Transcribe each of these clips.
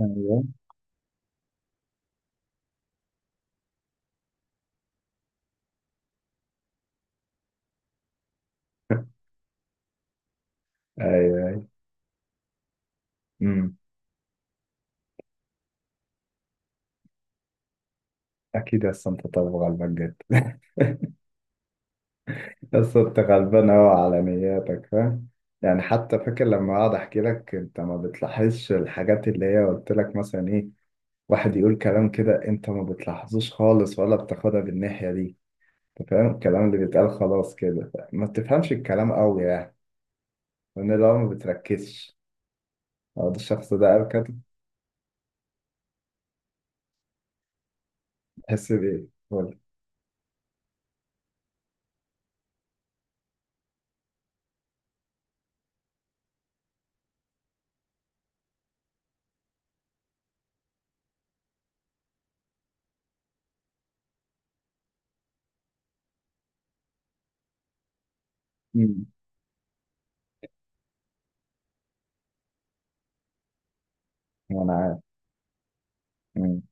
ايوه ايوه أيوة. امم اكيد هسه انت، طب غلبك جد بس انت غلبان قوي على نياتك، فاهم؟ يعني حتى فاكر لما اقعد احكي لك انت ما بتلاحظش الحاجات اللي هي قلت لك مثلا ايه، واحد يقول كلام كده انت ما بتلاحظوش خالص ولا بتاخدها بالناحية دي. انت فاهم الكلام اللي بيتقال خلاص كده ما بتفهمش الكلام قوي يعني. لان لو ما بتركزش، لو ده الشخص ده قال كده. تحس بايه قول لي. امم وانا عارف. امم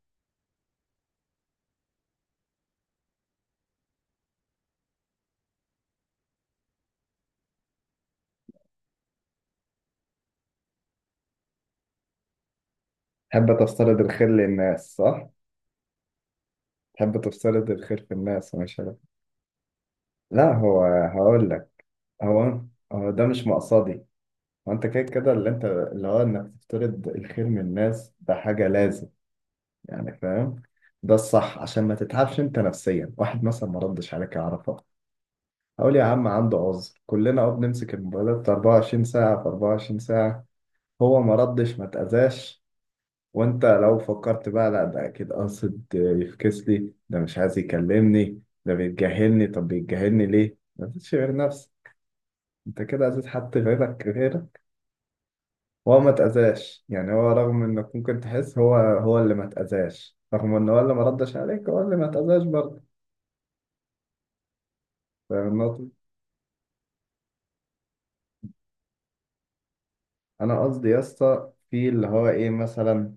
تحب تفترض الخير للناس، صح؟ تحب تفترض الخير في الناس، مش عارف. لا، هو هقول لك. هو هو ده مش مقصدي. هو انت كده كده اللي هو انك تفترض الخير من الناس، ده حاجة لازم. يعني فاهم، ده الصح عشان ما تتعبش انت نفسيا. واحد مثلا ما ردش عليك يعرفها، هقول يا عم عنده عذر، كلنا اه بنمسك الموبايلات 24 ساعة في 24 ساعة. هو ما ردش ما اتأذاش. وانت لو فكرت بقى، لا ده اكيد قاصد يفكس لي، ده مش عايز يكلمني، ده بيتجاهلني، طب بيتجاهلني ليه؟ ما فيش غير نفسك. انت كده اذيت حد غيرك غيرك. هو ما اتاذاش يعني، هو رغم انك ممكن تحس هو، هو اللي ما اتاذاش، رغم ان هو اللي ما ردش عليك هو اللي ما اتاذاش برضه. فاهم النقطة دي؟ انا قصدي يا اسطى في اللي هو ايه، مثلا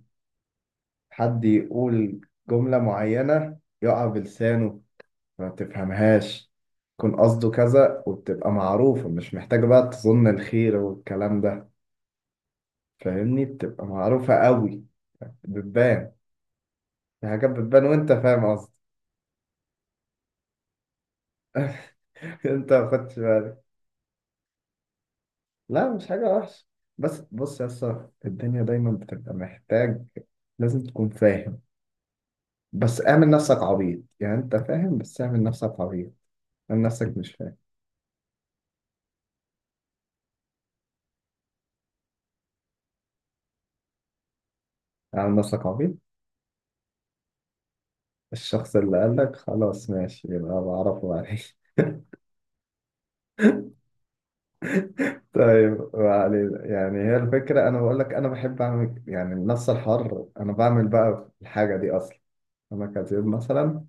حد يقول جملة معينة يقع بلسانه، ما تفهمهاش. يكون قصده كذا وبتبقى معروفة، مش محتاجة بقى تظن الخير والكلام ده. فاهمني؟ بتبقى معروفة قوي. بتبان، في حاجات بتبان وانت فاهم قصدي. انت ما خدتش بالك. لا مش حاجة وحشة، بس بص يا اسطى، الدنيا دايما بتبقى محتاج لازم تكون فاهم. بس اعمل نفسك عبيط يعني، انت فاهم، بس اعمل نفسك عبيط. اعمل نفسك مش فاهم. اعمل نفسك عبيط. الشخص اللي قالك خلاص ماشي، يبقى بعرفه بعدين. طيب ما علينا، يعني هي الفكرة. أنا بقول لك أنا بحب أعمل يعني النص الحر، أنا بعمل بقى الحاجة دي أصلا. أنا كاتب مثلا،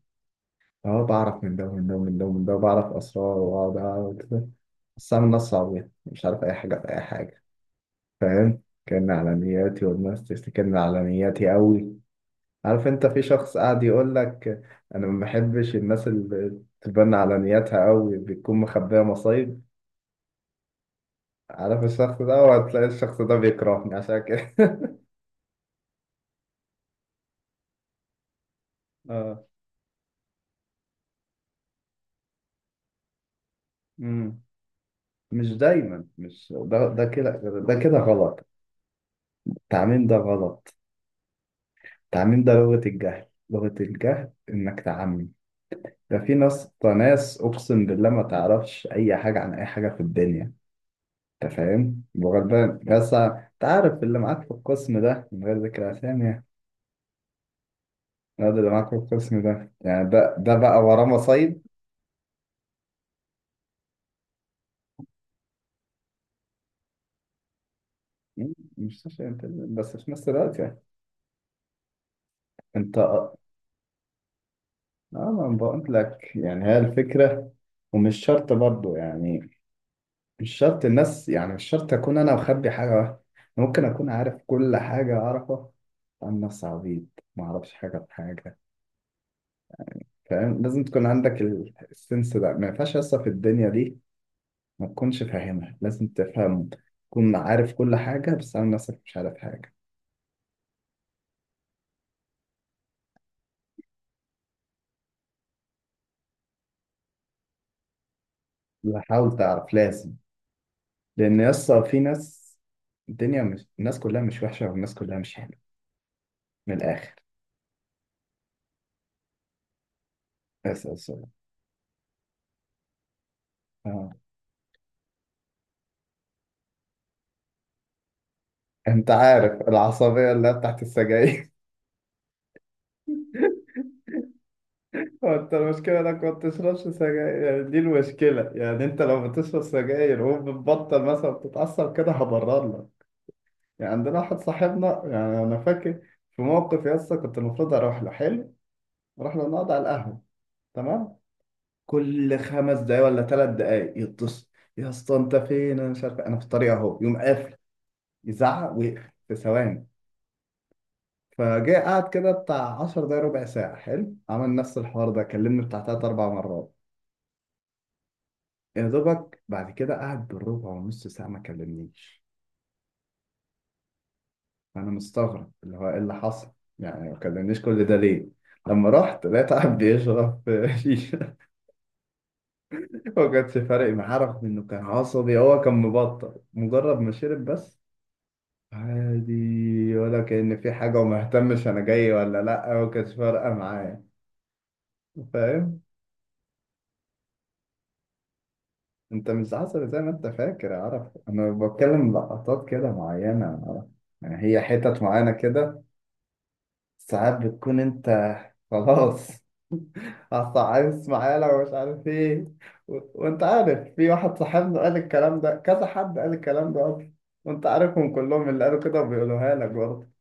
أهو بعرف من ده ومن ده ومن ده ومن ده، وبعرف أسرار وأقعد أعمل كده. بس أعمل نص عبيط مش عارف أي حاجة في أي حاجة، فاهم؟ كأن على نياتي، والناس تفتكرني على نياتي أوي. عارف، أنت في شخص قاعد يقول لك أنا ما بحبش الناس اللي تبان على نياتها أوي، بتكون مخبية مصايب. عارف الشخص ده، وهتلاقي الشخص ده بيكرهني عشان كده. اه. امم مش دايما، مش ده، ده كده. ده كده غلط. التعميم ده غلط. التعميم ده لغة الجهل، لغة الجهل انك تعمم. ده في ناس، ده ناس اقسم بالله ما تعرفش اي حاجة عن اي حاجة في الدنيا. انت فاهم وغلبان، بس انت عارف اللي معاك في القسم ده، من غير ذكر اسامي يعني. ده اللي معاك في القسم ده يعني، ده ده بقى وراه مصايب. مش عشان انت، بس في نفس الوقت يعني، انت. اه ما أنا بقول لك يعني هي الفكرة. ومش شرط برضو يعني، مش شرط الناس، يعني مش شرط أكون أنا مخبي حاجة واحدة. ممكن أكون عارف كل حاجة أعرفها، عن نفسي عبيط، ما أعرفش حاجة في حاجة. فاهم؟ لازم تكون عندك السنس ده، ما ينفعش أصلا في الدنيا دي ما تكونش فاهمها، لازم تفهم. تكون عارف كل حاجة، بس عن نفسك مش عارف حاجة. لا، حاول تعرف لازم. لأن أصلا في ناس، الدنيا مش الناس كلها مش وحشة، والناس كلها مش حلوة، من الآخر. بس بس آه. انت عارف العصبية اللي هي بتاعت السجاير؟ هو انت المشكلة انك ما بتشربش سجاير يعني، دي المشكلة يعني. انت لو بتشرب سجاير وبتبطل مثلا بتتعصب كده هبرر لك. يعني عندنا واحد صاحبنا يعني، انا فاكر في موقف يا اسطى، كنت المفروض اروح له، حلو، اروح له نقعد على القهوة، تمام. كل خمس دقايق ولا ثلاث دقايق يتصل، يا اسطى انت فين؟ انا مش عارف، انا في الطريق اهو، يقوم قافل. يزعق ويقفل في ثواني. فجاء قعد كده بتاع 10 دقايق ربع ساعة، حلو، عمل نفس الحوار ده، كلمني بتاع تلات أربع مرات. يا دوبك بعد كده قعد بالربع ونص ساعة ما كلمنيش. أنا مستغرب اللي هو إيه اللي حصل، يعني ما كلمنيش كل ده ليه؟ لما رحت لقيت قاعد بيشرب شيشة. ما كانش فارق معاه رغم إنه كان عصبي، هو كان مبطل مجرد ما شرب بس. عادي ولا كأن في حاجة، وما اهتمش أنا جاي ولا لأ، ما كانش فارقة معايا. فاهم؟ انت مش عسل زي ما انت فاكر يا عرف، انا بتكلم لقطات كده معينة يا عرف. يعني هي حتت معينة كده، ساعات بتكون انت خلاص، اصل عايز معانا ومش عارف ايه. وانت عارف، في واحد صاحبنا قال الكلام ده، كذا حد قال الكلام ده اصلا. وانت عارفهم كلهم اللي قالوا كده بيقولوها لك برضه.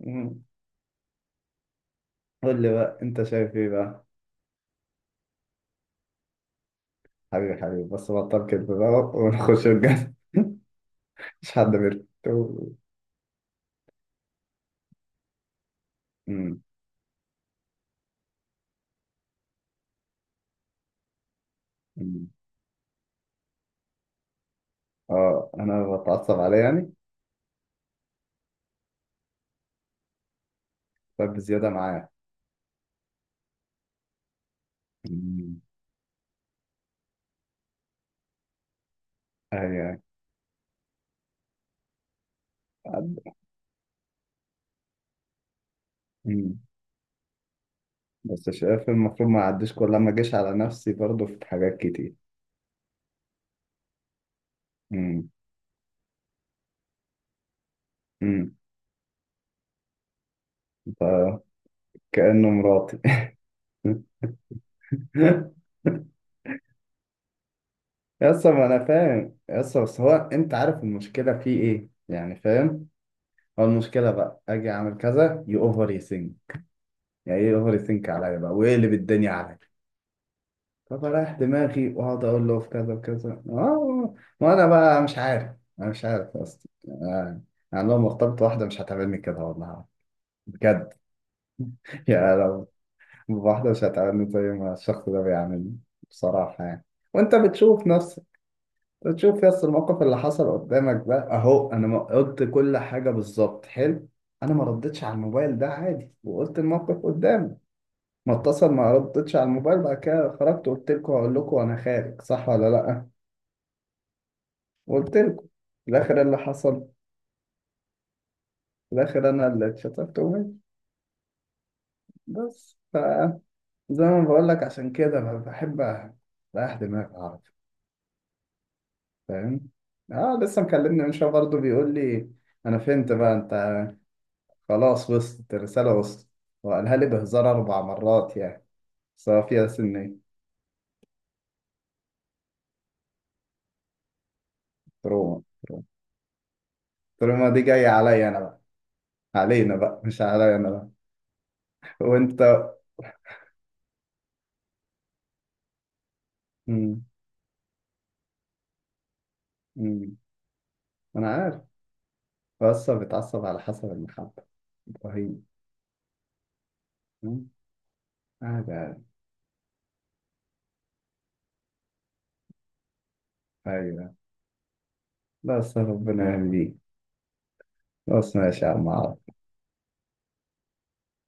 مم. قول لي بقى انت شايف ايه بقى؟ حبيبي حبيبي بس بطل كده بقى ونخش الجد. مش حد بيرد. مم. اه انا بتعصب عليه يعني، طيب بزياده معاه. أمم، ايوه. عد- أمم. بس شايف المفروض ما اعديش، كل ما اجيش على نفسي برضه في حاجات كتير. امم امم ف- كأنه مراتي. يسا ما انا فاهم يسا، بس هو انت عارف المشكله فيه ايه يعني، فاهم؟ هو المشكله بقى اجي اعمل كذا يو اوفر يسينك، يعني ايه اوفر يسينك عليا بقى ويقلب الدنيا عليا. فبريح دماغي واقعد اقول له في كذا وكذا اه. ما انا بقى مش عارف، انا مش عارف اصلا آه، يعني لو مرتبط واحده مش هتعملني كده والله، بجد. يا لو واحده مش هتعملني زي ما الشخص ده بيعملني، بصراحه يعني. وانت بتشوف نفسك، بتشوف يس الموقف اللي حصل قدامك ده اهو، انا ما قلت كل حاجه بالظبط، حلو. انا ما ردتش على الموبايل ده عادي، وقلت الموقف قدامي. ما اتصل ما ردتش على الموبايل، بعد كده خرجت قلت لكم، هقول لكم انا خارج، صح ولا لا؟ وقلت لكم. في الآخر اللي حصل، في الآخر أنا اللي اتشتمت وماشي. بس فزي ما بقول لك، عشان كده ما بحب أريح دماغي أعرف، فاهم؟ آه لسه مكلمني من شوية برضه بيقول لي، أنا فهمت بقى أنت، خلاص وصلت الرسالة وصلت. وقالها لي بهزار أربع مرات يعني، بس هو فيها سنة. تروما تروما. تروما دي جاية عليا أنا بقى، علينا بقى مش عليا أنا بقى. وأنت. مم. مم. أنا عارف، بس بتعصب على حسب المحبة، إبراهيم. عاد عاد. ايوه، بس ربنا يهديك، بس ما شاء الله.